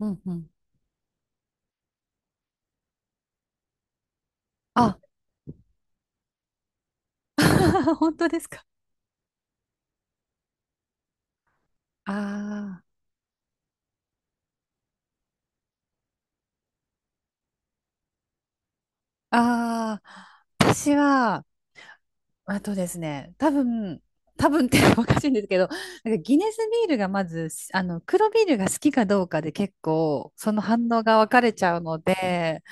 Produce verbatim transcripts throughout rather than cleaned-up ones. うんうん。あ、本当ですか？ああ、ああ、私は、あとですね、多分、多分って おかしいんですけど、なんかギネスビールがまず、あの、黒ビールが好きかどうかで結構、その反応が分かれちゃうので、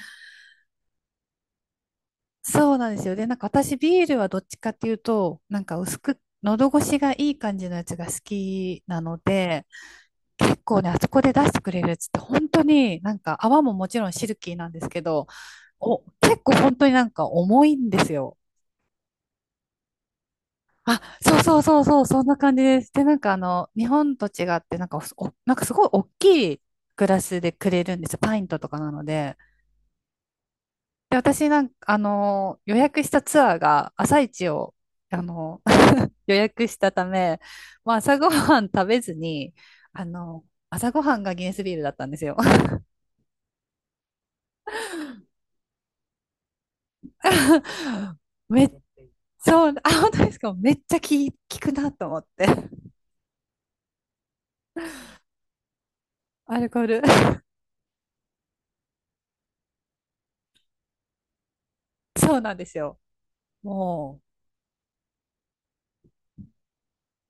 そうなんですよ。で、なんか私ビールはどっちかっていうと、なんか薄く、喉越しがいい感じのやつが好きなので、結構ね、あそこで出してくれるっつって、本当になんか泡ももちろんシルキーなんですけど、お、結構本当になんか重いんですよ。あ、そうそうそうそう、そんな感じです。で、なんかあの、日本と違って、なんかお、なんかすごい大きいグラスでくれるんですよ。パイントとかなので。で、私なんか、あの、予約したツアーが朝一を、あの、予約したため、まあ、朝ごはん食べずに、あの、朝ごはんがギネスビールだったんですよ。めっそう、あ、本当ですか？めっちゃき効くなと思って。アルコール。そうなんですよ。も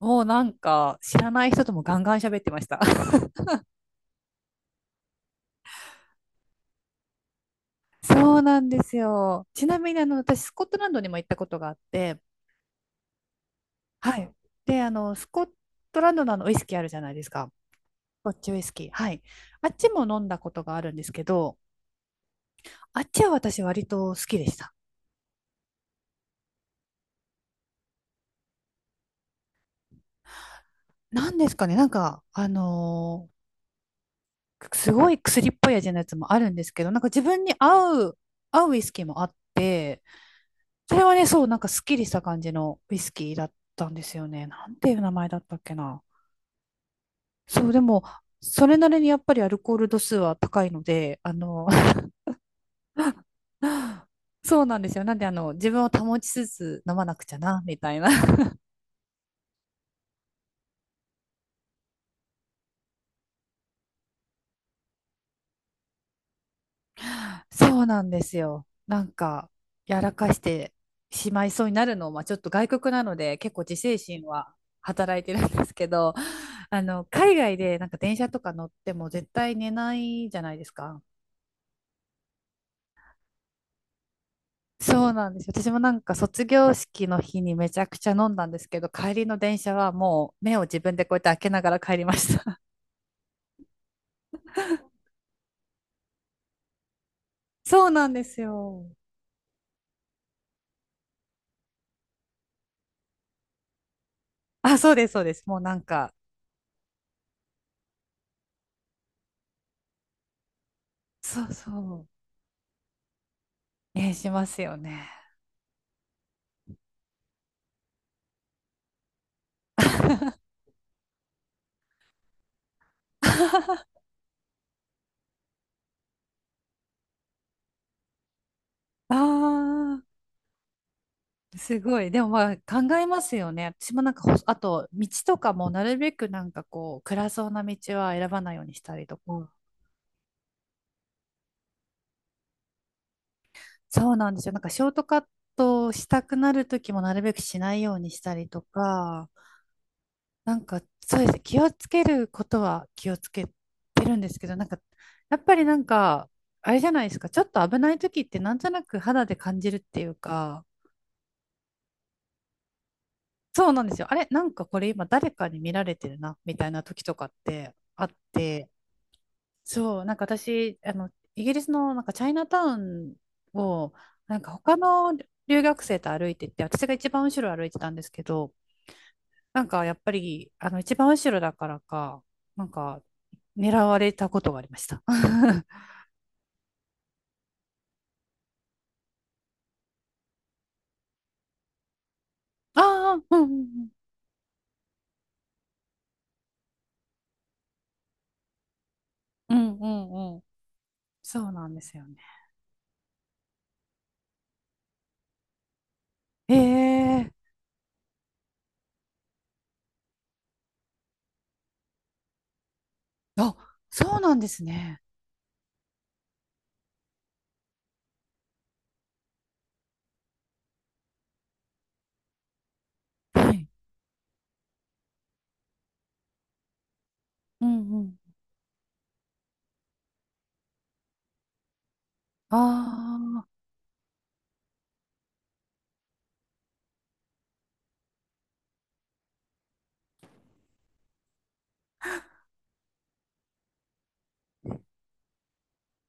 う、もうなんか、知らない人ともガンガン喋ってました。そうなんですよ。ちなみに、あの、私、スコットランドにも行ったことがあって、はい。で、あの、スコットランドのあの、ウイスキーあるじゃないですか。スコッチウイスキー。はい。あっちも飲んだことがあるんですけど、あっちは私割と好きでした。なんですかね、なんか、あのーすごい薬っぽい味のやつもあるんですけど、なんか自分に合う、合うウイスキーもあって、それはね、そう、なんかすっきりした感じのウイスキーだったんですよね。なんていう名前だったっけな。そう、でも、それなりにやっぱりアルコール度数は高いので、あの、そうなんですよ。なんで、あの、自分を保ちつつ飲まなくちゃな、みたいなそうなんですよ。なんか、やらかしてしまいそうになるのは、ちょっと外国なので、結構自制心は働いてるんですけど、あの、海外でなんか電車とか乗っても絶対寝ないじゃないですか。そうなんですよ。私もなんか卒業式の日にめちゃくちゃ飲んだんですけど、帰りの電車はもう目を自分でこうやって開けながら帰りました。そうなんですよ。あ、そうです、そうです。もうなんか、そうそう。え、しますよね。ああ。すごい。でもまあ考えますよね。私もなんかほ、あと、道とかもなるべくなんかこう、暗そうな道は選ばないようにしたりとか。うんそうなんですよ。なんかショートカットをしたくなるときもなるべくしないようにしたりとか、なんかそうですね。気をつけることは気をつけてるんですけど、なんか、やっぱりなんか、あれじゃないですか。ちょっと危ないときってなんとなく肌で感じるっていうか、そうなんですよ。あれ、なんかこれ今誰かに見られてるな、みたいな時とかってあって、そう、なんか私、あの、イギリスのなんかチャイナタウンを、なんか他の留学生と歩いてて、私が一番後ろ歩いてたんですけど、なんかやっぱり、あの、一番後ろだからか、なんか、狙われたことがありました。ああ、うんうんうん、うんうんうん。そうなんですよね。ええあ、そうなんですね。はい。うんうん。ああ、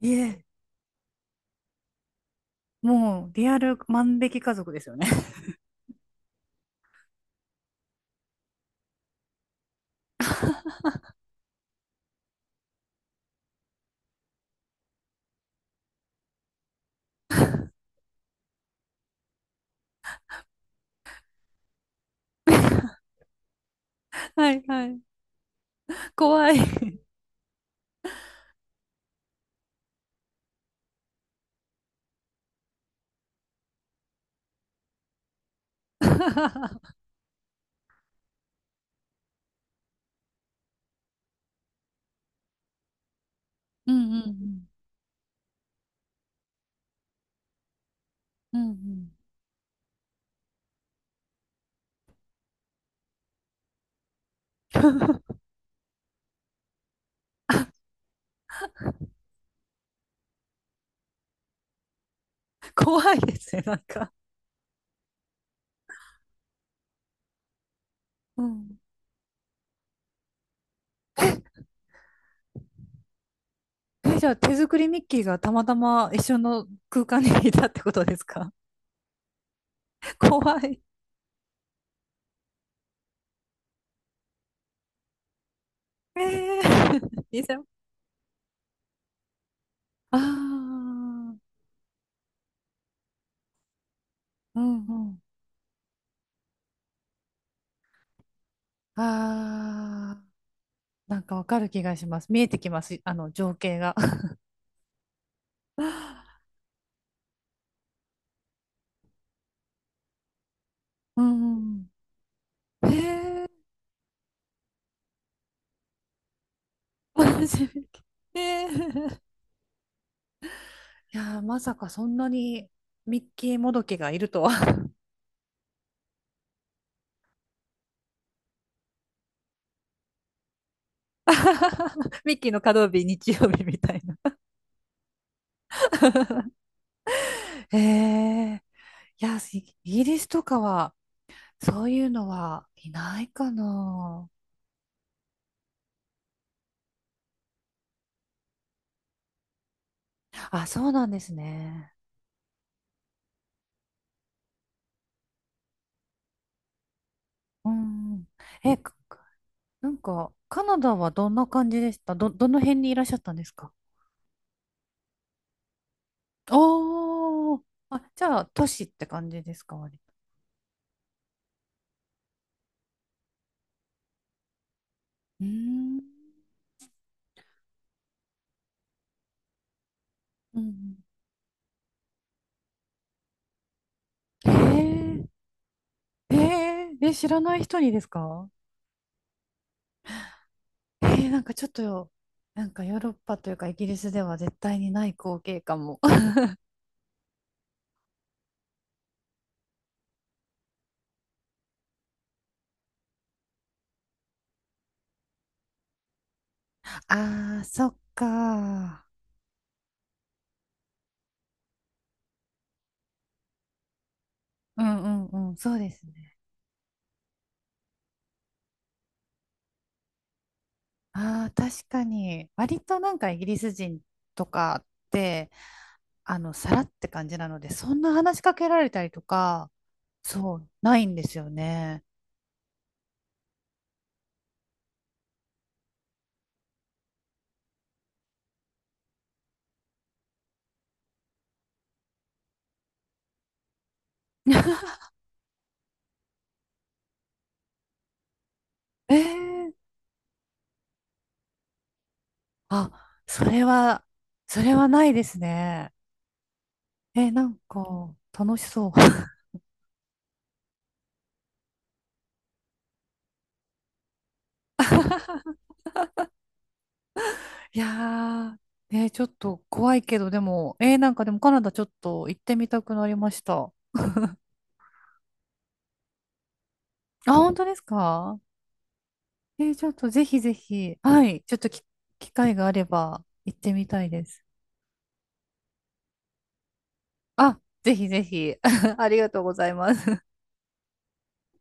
いえ、もう、リアル万引き家族ですよね。はいはい。怖い。うんうんうんうんうん 怖いですね、なんか。うん。え、じゃあ手作りミッキーがたまたま一緒の空間にいたってことですか？ 怖い。ええいい ああ、うんうん。ああ、なんかわかる気がします。見えてきます、あの情景が。うんうん。ええ マジミッキー。ええ いやーまさかそんなにミッキーもどきがいるとは。ミッキーの稼働日、日曜日みたいな。へえ。いや、イイギリスとかは、そういうのはいないかな。あ、そうなんですね。うん。え、かなんか、カナダはどんな感じでしたど、どの辺にいらっしゃったんですか？おー。あ、じゃあ、都市って感じですか、割と。うーん。うん。へえ。へえ。え、知らない人にですか？えー、なんかちょっと、なんかヨーロッパというかイギリスでは絶対にない光景かも。ああ、そっか。うんうんうん、そうですね。ああ、確かに。割となんかイギリス人とかって、あの、さらって感じなので、そんな話しかけられたりとか、そう、ないんですよね。えー、あ、それは、それはないですね。えー、なんか、楽しそう。いやー、えーちょっと怖いけど、でも、えー、なんかでもカナダちょっと行ってみたくなりました。あ、本当ですか？えー、ちょっとぜひぜひ、はい、ちょっとき機会があれば行ってみたいです。あ、ぜひぜひ、ありがとうございます。